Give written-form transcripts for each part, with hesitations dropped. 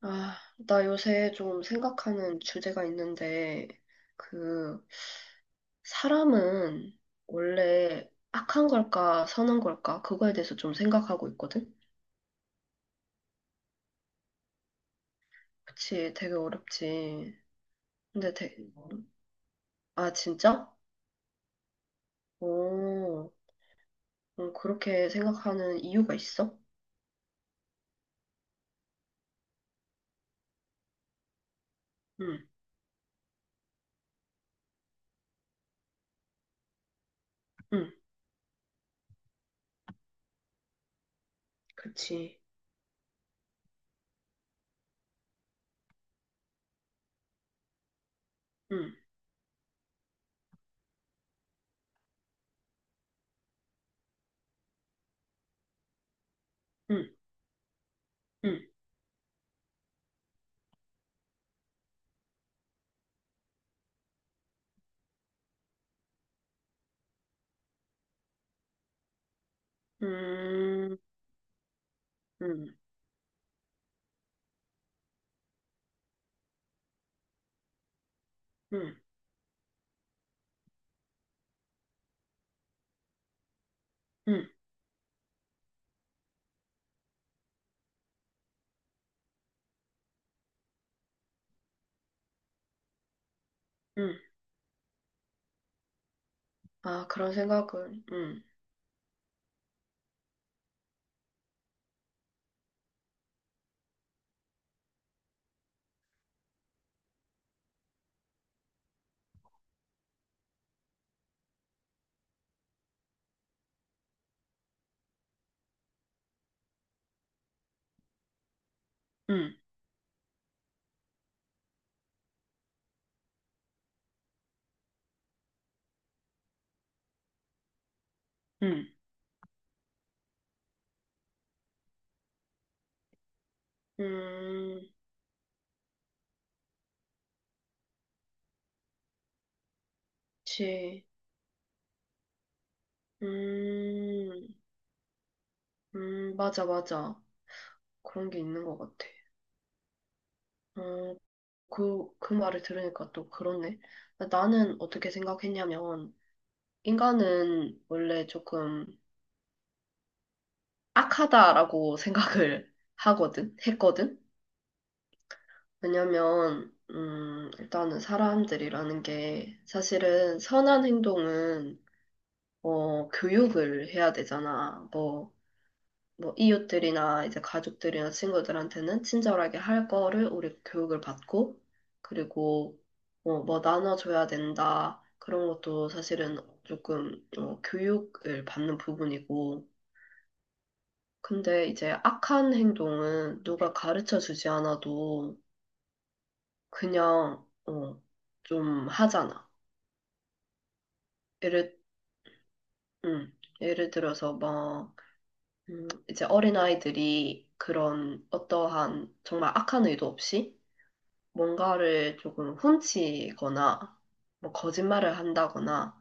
아, 나 요새 좀 생각하는 주제가 있는데, 그, 사람은 원래 악한 걸까, 선한 걸까, 그거에 대해서 좀 생각하고 있거든? 그치, 되게 어렵지. 근데 되, 아, 진짜? 오, 그렇게 생각하는 이유가 있어? 응, 응, 그치. 응, 응, 응, 음, 응, 응, 응, 응. 응. 아, 그런 생각은, 응, 응, 응, 음, 그치. 음, 맞아, 맞아. 그런 게 있는 것 같아. 어, 그 말을 들으니까 또 그렇네. 나는 어떻게 생각했냐면, 인간은 원래 조금 악하다라고 생각을 했거든? 왜냐면, 일단은 사람들이라는 게 사실은 선한 행동은, 교육을 해야 되잖아. 뭐 이웃들이나 이제 가족들이나 친구들한테는 친절하게 할 거를 우리 교육을 받고. 그리고 뭐 나눠줘야 된다 그런 것도 사실은 조금 교육을 받는 부분이고. 근데 이제 악한 행동은 누가 가르쳐 주지 않아도 그냥 좀 하잖아. 예를 음, 예를 들어서 막 이제 어린아이들이 그런 어떠한 정말 악한 의도 없이 뭔가를 조금 훔치거나 뭐 거짓말을 한다거나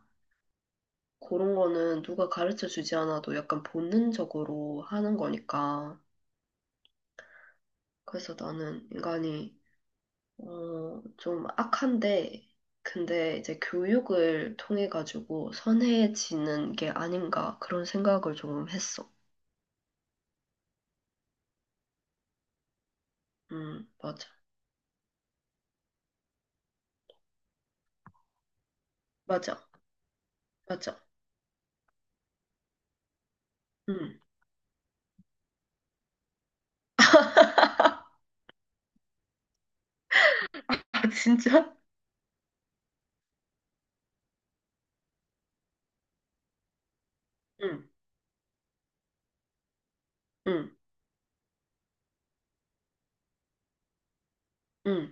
그런 거는 누가 가르쳐 주지 않아도 약간 본능적으로 하는 거니까. 그래서 나는 인간이 좀 악한데 근데 이제 교육을 통해 가지고 선해지는 게 아닌가 그런 생각을 조금 했어. 맞아. 맞아. 맞아. 음. 아, 진짜? 응, 응, 응,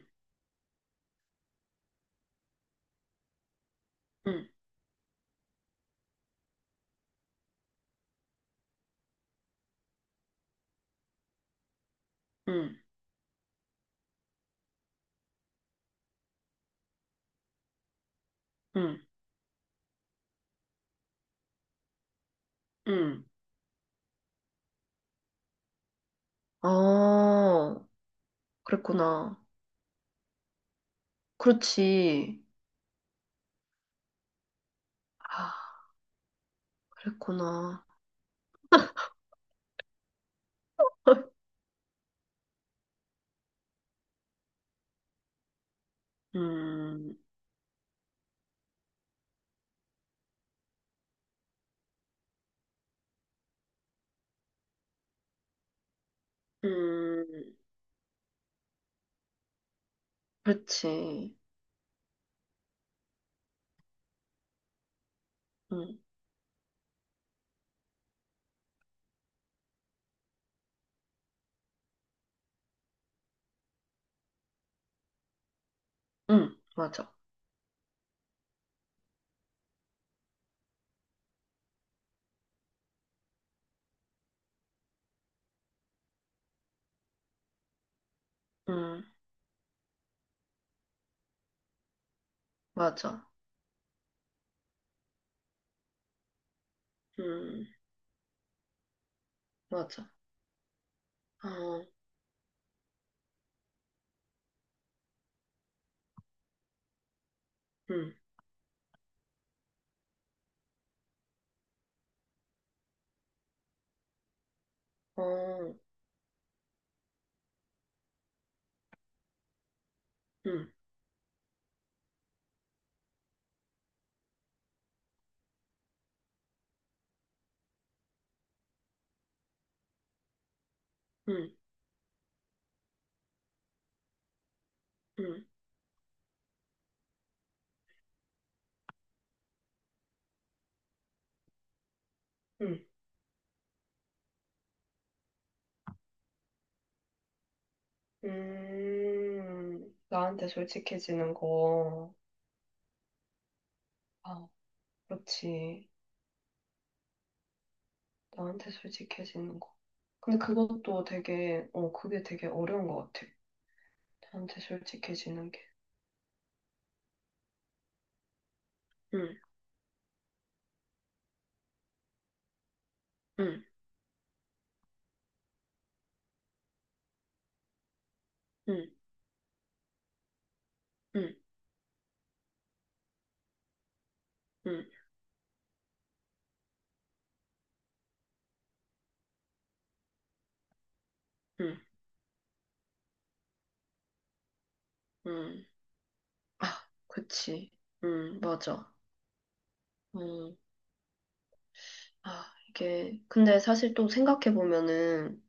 응, 응, 응, 응. 어. 그랬구나. 그렇지. 아, 그랬구나. 음, 음, 그렇지. 음, 맞아. 음, 맞아. 음, 맞아. 어, 음, 어, 음, 음, 음, 음, 나한테 솔직해지는 거. 아, 그렇지. 나한테 솔직해지는 거. 근데 그것도 되게, 그게 되게 어려운 것 같아. 나한테 솔직해지는 게. 음, 음, 음, 음. 음, 음, 음. 아, 그치. 맞아. 음, 아, 이게, 근데 사실 또 생각해보면은,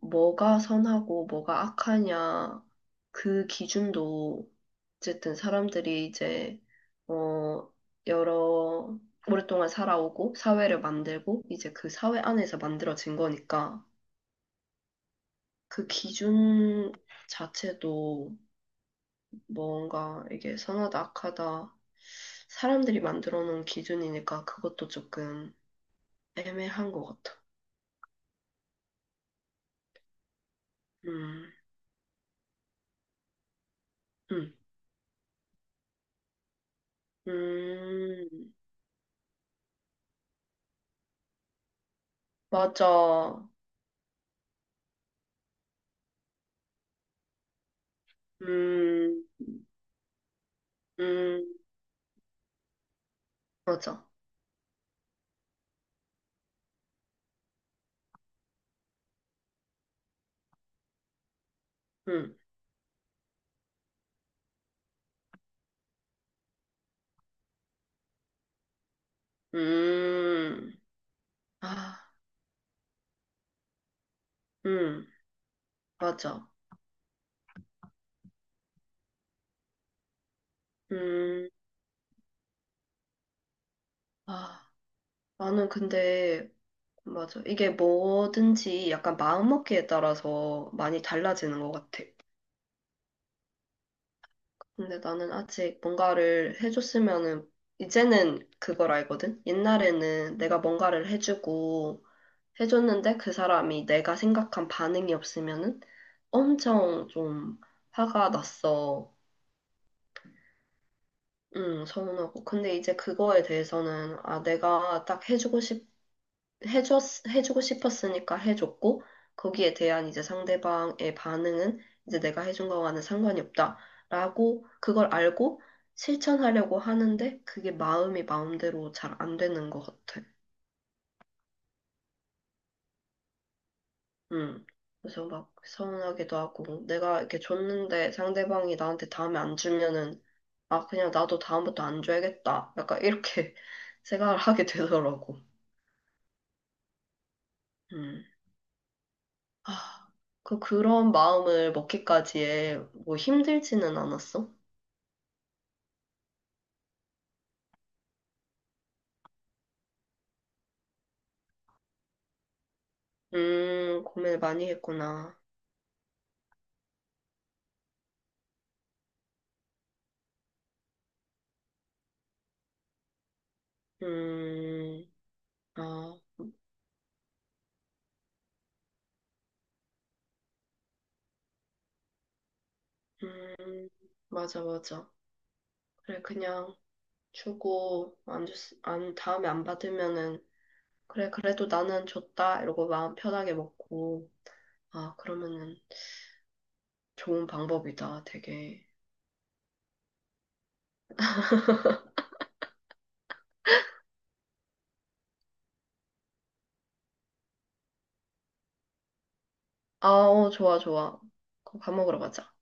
뭐가 선하고 뭐가 악하냐, 그 기준도, 어쨌든 사람들이 이제, 어, 여러, 오랫동안 살아오고, 사회를 만들고, 이제 그 사회 안에서 만들어진 거니까, 그 기준 자체도 뭔가 이게 선하다, 악하다, 사람들이 만들어 놓은 기준이니까 그것도 조금 애매한 것 같아. 음, 음, 음, 맞아. 음, 음, 맞아. 음, 음, 아, 음, 맞아. 음, 아, 나는 근데, 맞아. 이게 뭐든지 약간 마음먹기에 따라서 많이 달라지는 것 같아. 근데 나는 아직 뭔가를 해줬으면은, 이제는 그걸 알거든? 옛날에는 내가 뭔가를 해줬는데 그 사람이 내가 생각한 반응이 없으면은 엄청 좀 화가 났어. 응, 서운하고. 근데 이제 그거에 대해서는, 아, 내가 딱 해줬, 해주고 싶었으니까 해줬고, 거기에 대한 이제 상대방의 반응은 이제 내가 해준 거와는 상관이 없다라고, 그걸 알고 실천하려고 하는데, 그게 마음이 마음대로 잘 안 되는 것 같아. 음. 그래서 막 서운하기도 하고, 내가 이렇게 줬는데 상대방이 나한테 다음에 안 주면은, 아, 그냥 나도 다음부터 안 줘야겠다. 약간 이렇게 생각을 하게 되더라고. 음. 아, 그런 마음을 먹기까지에 뭐 힘들지는 않았어? 고민을 많이 했구나. 음, 아, 음, 맞아, 맞아. 그래, 그냥 주고, 안 줬, 안, 다음에 안 받으면은, 그래, 그래도 나는 줬다. 이러고 마음 편하게 먹고, 아, 그러면은 좋은 방법이다, 되게. 아, 좋아, 좋아. 그거 밥 먹으러 가자.